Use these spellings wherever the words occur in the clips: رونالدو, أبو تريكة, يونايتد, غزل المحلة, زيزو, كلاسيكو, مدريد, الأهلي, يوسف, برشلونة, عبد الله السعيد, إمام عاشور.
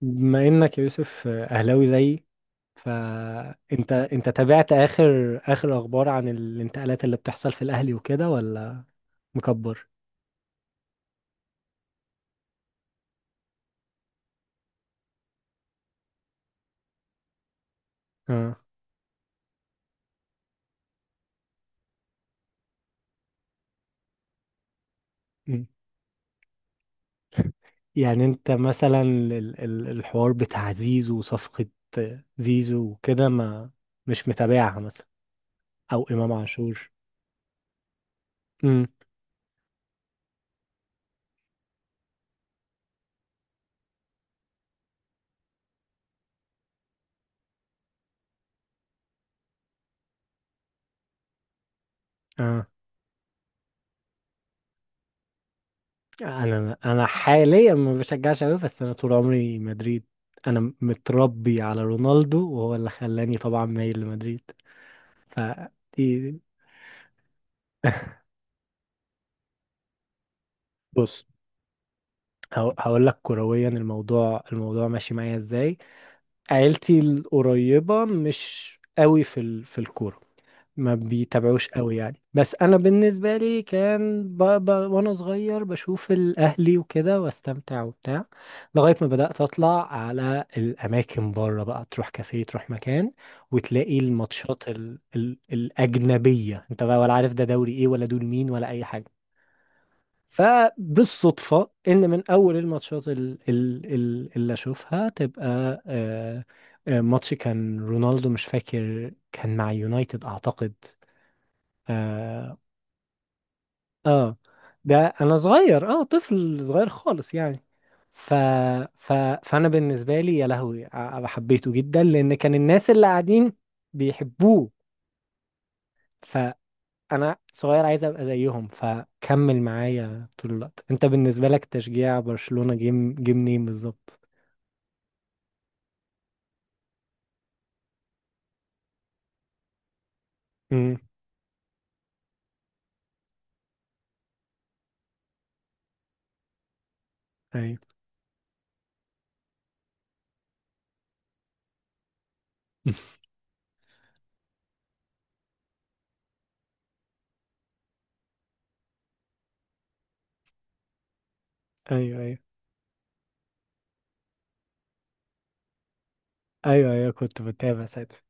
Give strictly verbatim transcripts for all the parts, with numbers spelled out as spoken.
بما انك يا يوسف اهلاوي زيي، فانت انت تابعت اخر اخر اخبار عن الانتقالات اللي بتحصل في الاهلي وكده ولا مكبر؟ اه. مم. يعني انت مثلا ال- ال- الحوار بتاع زيزو وصفقة زيزو وكده، ما مش متابعها مثلا؟ او امام عاشور؟ امم. اه. انا انا حاليا ما بشجعش قوي، بس انا طول عمري مدريد. انا متربي على رونالدو وهو اللي خلاني طبعا مايل لمدريد. ف بص، هو- هقول لك كرويا الموضوع الموضوع ماشي معايا ازاي. عيلتي القريبة مش قوي في ال... في الكورة، ما بيتابعوش قوي يعني. بس انا بالنسبة لي كان، ب... ب... وانا صغير بشوف الاهلي وكده واستمتع وبتاع، لغاية ما بدأت اطلع على الاماكن بره بقى، تروح كافيه تروح مكان وتلاقي الماتشات ال... ال... الاجنبية، انت بقى ولا عارف ده دوري ايه ولا دول مين ولا اي حاجة. فبالصدفة إن من أول الماتشات ال- ال- ال- اللي أشوفها تبقى آه، آه، ماتش كان رونالدو، مش فاكر كان مع يونايتد أعتقد. آه, آه ده أنا صغير، آه طفل صغير خالص يعني. ف... ف... فأنا بالنسبة لي يا لهوي ع- حبيته جدا، لأن كان الناس اللي قاعدين بيحبوه. انا صغير عايز ابقى زيهم فكمل معايا طول الوقت. انت بالنسبه لك تشجيع برشلونه جيم جيم منين بالظبط؟ امم. ايوه. ايوه، ايوه، ايوه، ايوه، كنت بتابع ساعتها،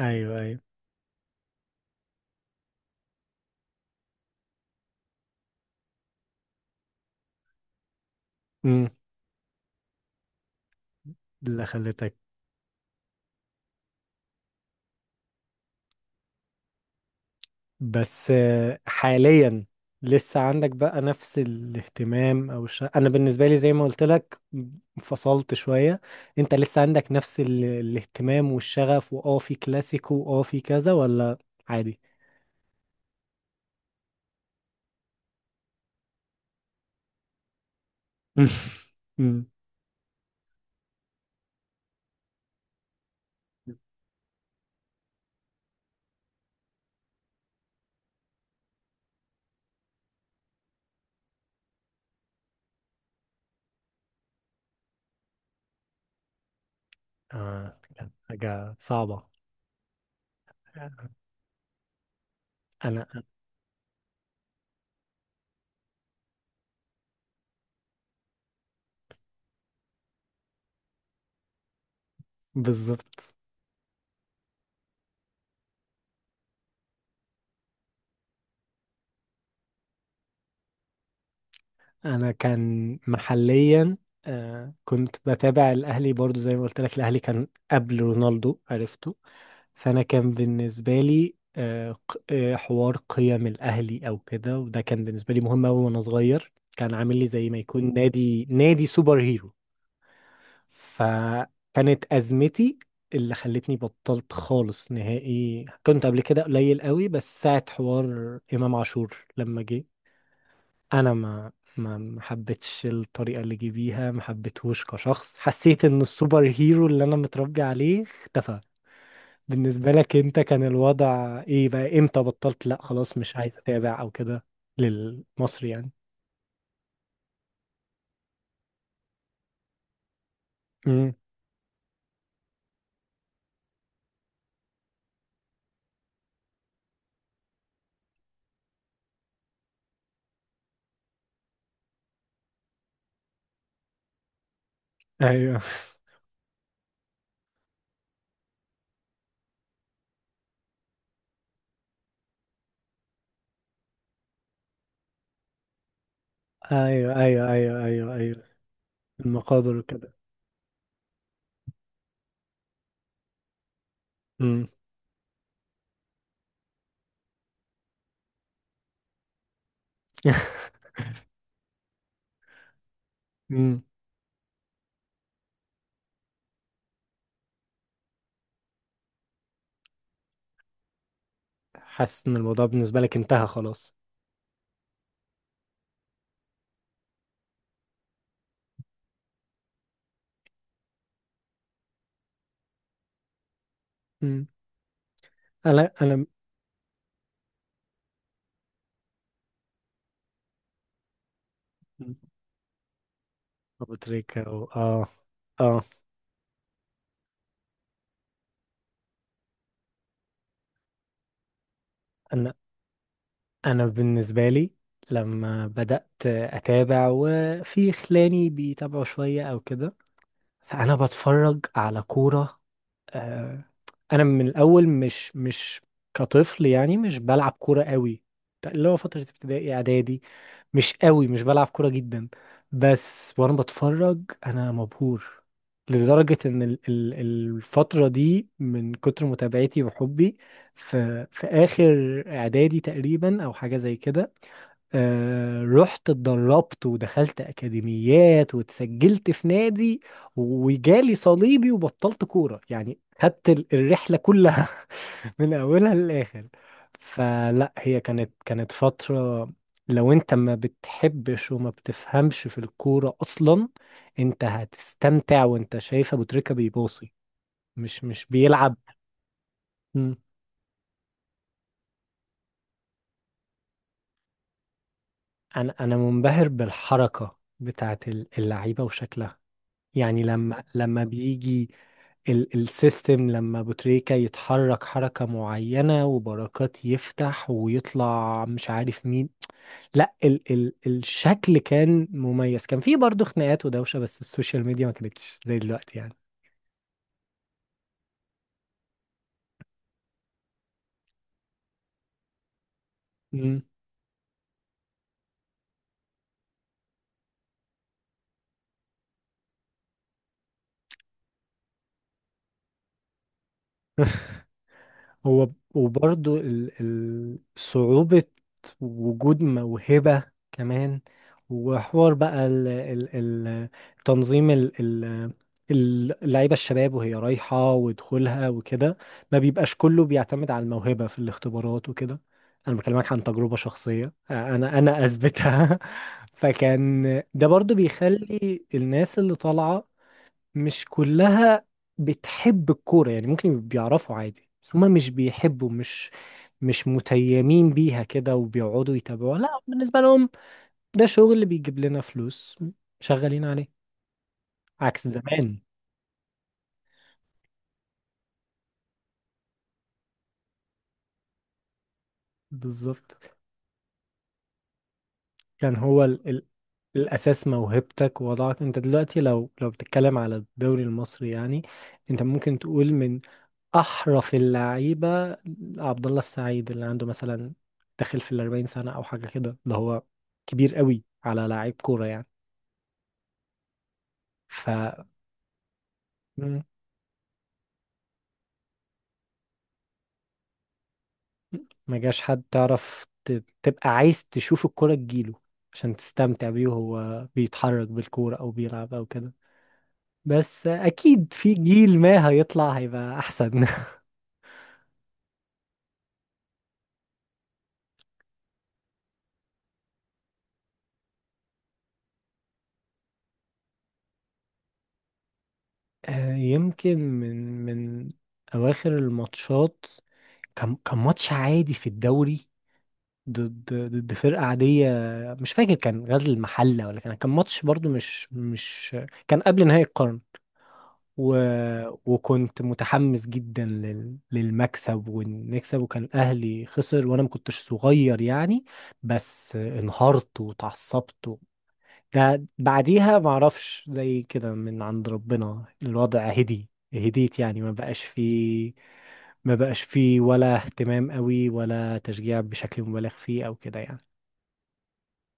ايوه، ايوه. امم. اللي خلتك. بس آه، حاليا لسه عندك بقى نفس الاهتمام، او الش... انا بالنسبه لي زي ما قلت لك، فصلت شويه. انت لسه عندك نفس ال... الاهتمام والشغف، واه في كلاسيكو واه في كذا، ولا عادي؟ آه، كانت حاجة صعبة. أنا. بالظبط. أنا كان محليا، آه كنت بتابع الأهلي برضو، زي ما قلت لك الأهلي كان قبل رونالدو عرفته. فأنا كان بالنسبة لي آه ق- آه، حوار قيم الأهلي أو كده، وده كان بالنسبة لي مهم أوي وأنا صغير. كان عامل لي زي ما يكون نادي نادي سوبر هيرو. فكانت أزمتي اللي خلتني بطلت خالص نهائي. كنت قبل كده قليل قوي، بس ساعة حوار إمام عاشور لما جه، أنا ما ما ما حبيتش الطريقة اللي جه بيها، ما حبيتهوش كشخص. حسيت إن السوبر هيرو اللي أنا متربي عليه اختفى. بالنسبة لك أنت كان الوضع إيه بقى؟ إمتى بطلت لأ خلاص مش عايز أتابع أو كده، للمصري يعني؟ امم. أيوه. أيوه، أيوه، أيوه، أيوه، أيوه. المقابر وكده. امم. حاسس ان الموضوع بالنسبة لك انتهى خلاص. مم. انا. انا مم. ابو تريكة و... اه. اه. انا انا بالنسبة لي لما بدأت اتابع وفي خلاني بيتابعوا شوية او كده، فانا بتفرج على كورة. آه، انا من الاول مش مش كطفل يعني مش بلعب كوره قوي، اللي هو فتره ابتدائي اعدادي مش قوي مش بلعب كوره جدا. بس وانا بتفرج، انا مبهور لدرجه ان ال- ال- الفتره دي، من كتر متابعتي وحبي في في اخر اعدادي تقريبا او حاجه زي كده، آه، رحت اتدربت ودخلت أكاديميات واتسجلت في نادي، وجالي صليبي وبطلت كورة يعني. خدت ال- الرحلة كلها من أولها للآخر. فلا هي كانت كانت فترة، لو انت ما بتحبش وما بتفهمش في الكورة أصلا، انت هتستمتع وانت شايف أبو تريكة بيباصي، مش مش بيلعب. مم. أنا أنا منبهر بالحركة بتاعت ال- اللعيبة وشكلها، يعني لما لما بيجي ال السيستم، لما بوتريكا يتحرك حركة معينة وبركات يفتح ويطلع مش عارف مين، لا ال ال الشكل كان مميز. كان فيه برضه خناقات ودوشة، بس السوشيال ميديا ما كانتش زي دلوقتي. يعني هو وبرضه ال- ال- صعوبة وجود موهبة كمان، وحوار بقى ال ال ال تنظيم ال ال ال- اللعيبة الشباب وهي رايحة ودخولها وكده. ما بيبقاش كله بيعتمد على الموهبة في الاختبارات وكده. أنا بكلمك عن تجربة شخصية، أنا أنا أثبتها فكان ده برضو بيخلي الناس اللي طالعة مش كلها بتحب الكورة يعني. ممكن بيعرفوا عادي، بس هما مش بيحبوا، مش مش متيمين بيها كده وبيقعدوا يتابعوها. لا بالنسبة لهم ده شغل اللي بيجيب لنا فلوس، شغالين عليه. عكس زمان. بالظبط. كان هو ال ال الأساس موهبتك. ووضعك انت دلوقتي لو لو بتتكلم على الدوري المصري يعني، انت ممكن تقول من احرف اللعيبه عبد الله السعيد، اللي عنده مثلا داخل في الأربعين سنه او حاجه كده، اللي هو كبير قوي على لعيب كوره يعني. ف مم. ما جاش حد تعرف ت- تبقى عايز تشوف الكوره تجيله عشان تستمتع بيه وهو بيتحرك بالكوره او بيلعب او كده. بس اكيد في جيل ما هيطلع هيبقى احسن. آه، يمكن من من اواخر الماتشات. كان كان ماتش عادي في الدوري، ضد ضد فرقة عادية، مش فاكر كان غزل المحلة ولا كان كان ماتش برضو مش مش كان قبل نهائي القرن. و... وكنت متحمس جدا لل... للمكسب ونكسب، وكان أهلي خسر وأنا ما كنتش صغير يعني. بس انهارت وتعصبت. و... ده بعديها معرفش، زي كده من عند ربنا الوضع هدي. هديت يعني، ما بقاش فيه ما بقاش فيه ولا اهتمام قوي ولا تشجيع بشكل مبالغ فيه أو كده يعني.